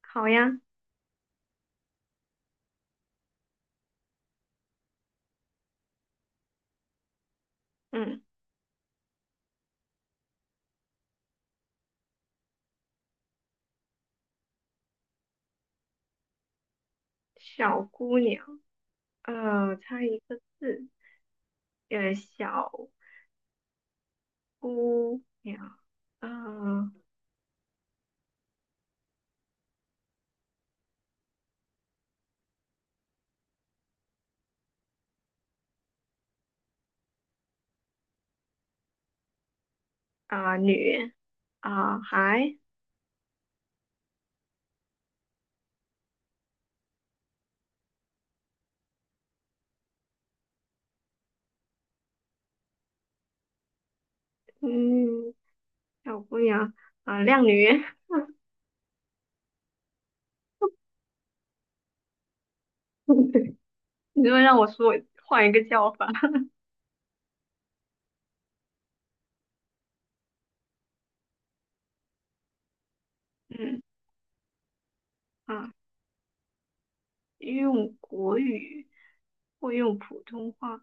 好呀，嗯，小姑娘，猜一个字，小姑娘，呃啊、女啊、孩，嗯，小姑娘啊、靓女，你这么让我说，换一个叫法，嗯啊、用国语或用普通话，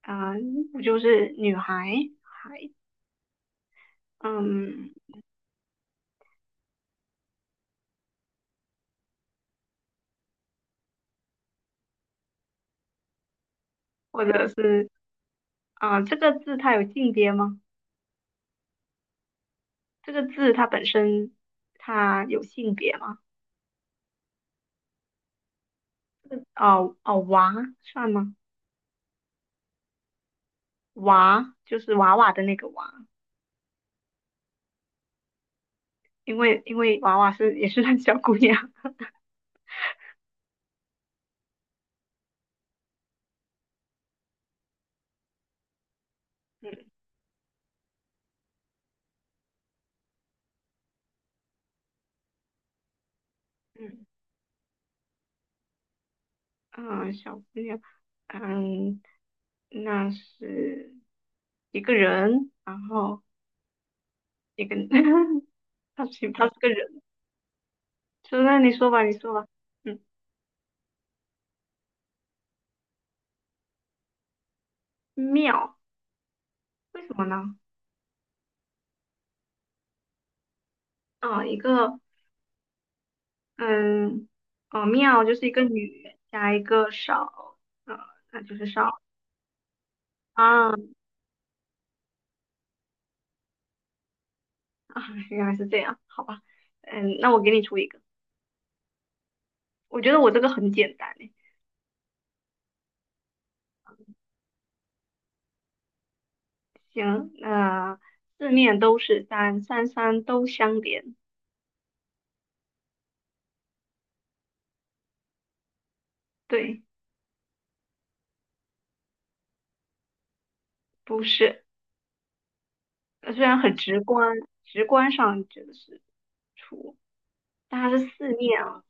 啊、不就是女孩，嗯，或者是啊、这个字它有性别吗？这个字它本身它有性别吗？哦哦，娃算吗？娃就是娃娃的那个娃，因为娃娃是也是那小姑娘，嗯嗯嗯，小姑娘，嗯，那是一个人，然后一个 他是个人，就那你说吧，你说吧，嗯，妙，为什么呢？啊、一个嗯，哦，妙就是一个女加一个少，呃，那就是少啊啊，原来是这样，好吧，嗯，那我给你出一个，我觉得我这个很简单诶，行，那、四面都是山，山山都相连，对，不是，虽然很直观，直观上觉得是出，但它是四面啊，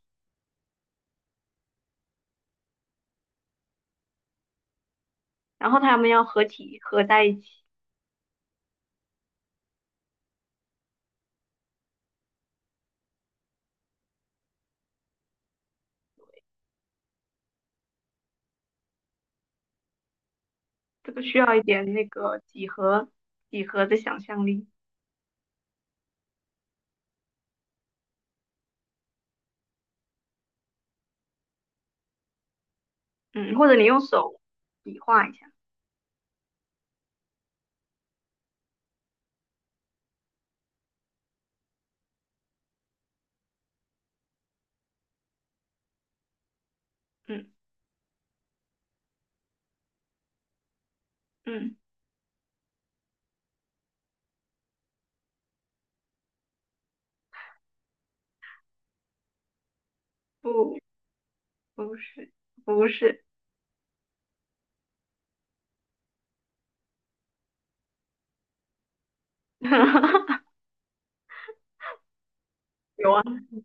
然后它们要合体合在一起，这个需要一点那个几何的想象力。嗯，或者你用手比划一下，嗯嗯，不不是不是，有啊，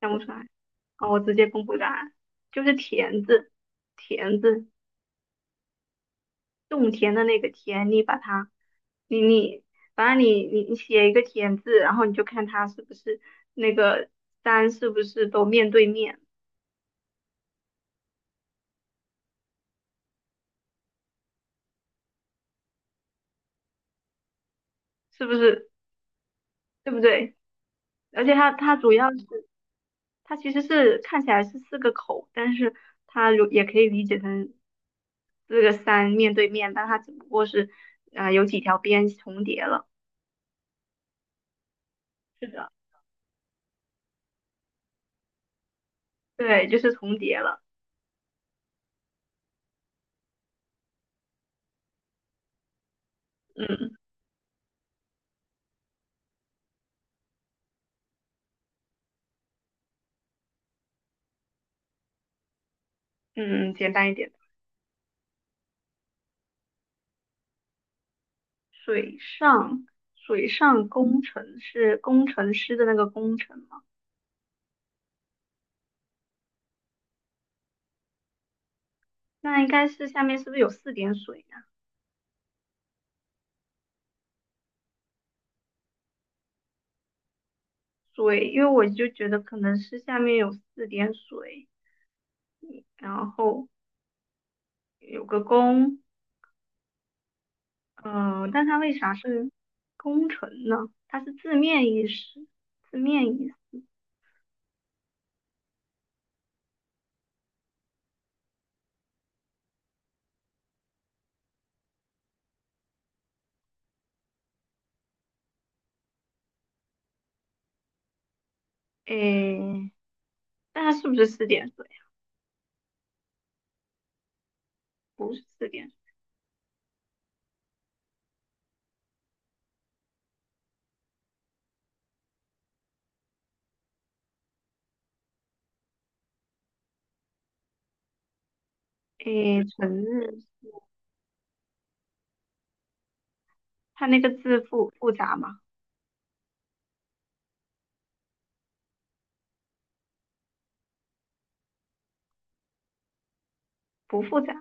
想不出来，好，我直接公布答案，就是田字，田字，种田的那个田，你把它，你你，反正你写一个田字，然后你就看它是不是那个山是不是都面对面，是不是对不对？而且它主要是它其实是看起来是四个口，但是它如也可以理解成。四个山面对面，但它只不过是啊、有几条边重叠了。是的，对，就是重叠了。嗯嗯，简单一点。水上水上工程是工程师的那个工程吗？那应该是下面是不是有四点水呀、水，因为我就觉得可能是下面有四点水，然后有个工，嗯、但它为啥是工程呢？它是字面意思，字面意思。诶，那它是不是四点水？不是四点水，诶，纯日，它那个字复杂吗？不复杂。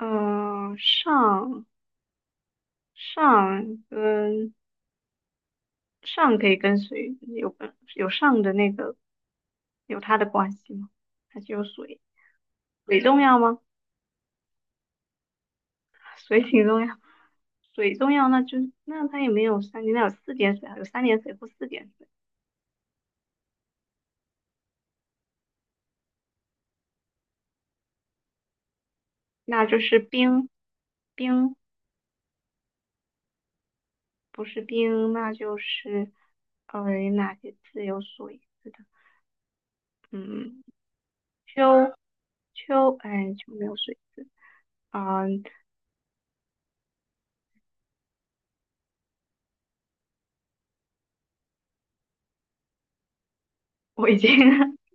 嗯、上跟上可以跟水有跟有上的那个有它的关系吗？还是有水？水重要吗？水挺重要，水重要，那就那它也没有三点，那有四点水啊，有三点水或四点水，那就是冰，不是冰，那就是呃哪些字有水？是的，嗯。秋秋，哎，秋没有水啊、我已经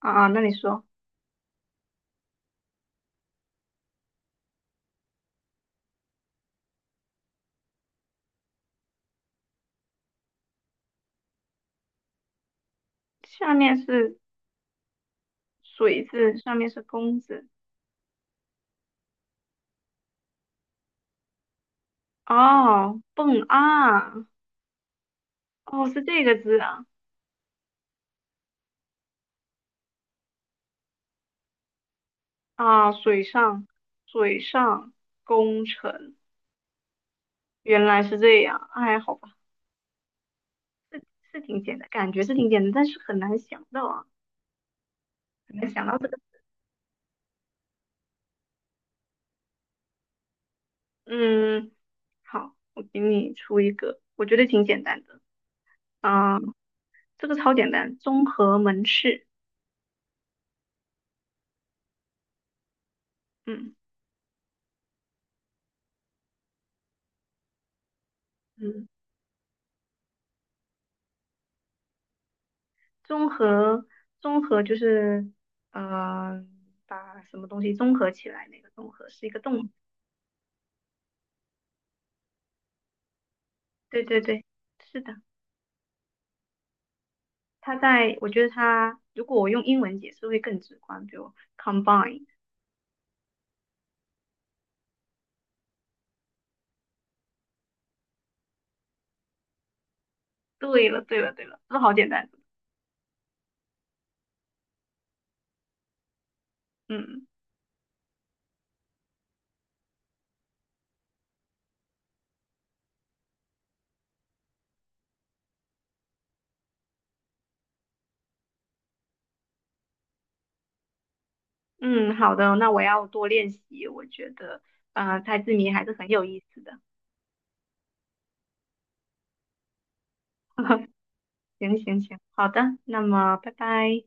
啊，那你说，下面是水字，上面是弓字，哦，蹦啊，哦，是这个字啊，啊，水上工程，原来是这样，哎，好吧，是是挺简单，感觉是挺简单，但是很难想到啊，很难想到这个，嗯，好，我给你出一个，我觉得挺简单的，啊、这个超简单，综合门市。嗯。嗯，综合综合就是，呃，把什么东西综合起来，那个综合是一个动词对对对，是的。它在，我觉得它，如果我用英文解释会更直观，比如 combine。对了对了对了，这好简单。嗯嗯，好的，那我要多练习。我觉得，猜字谜还是很有意思的。行行行，好的，那么拜拜。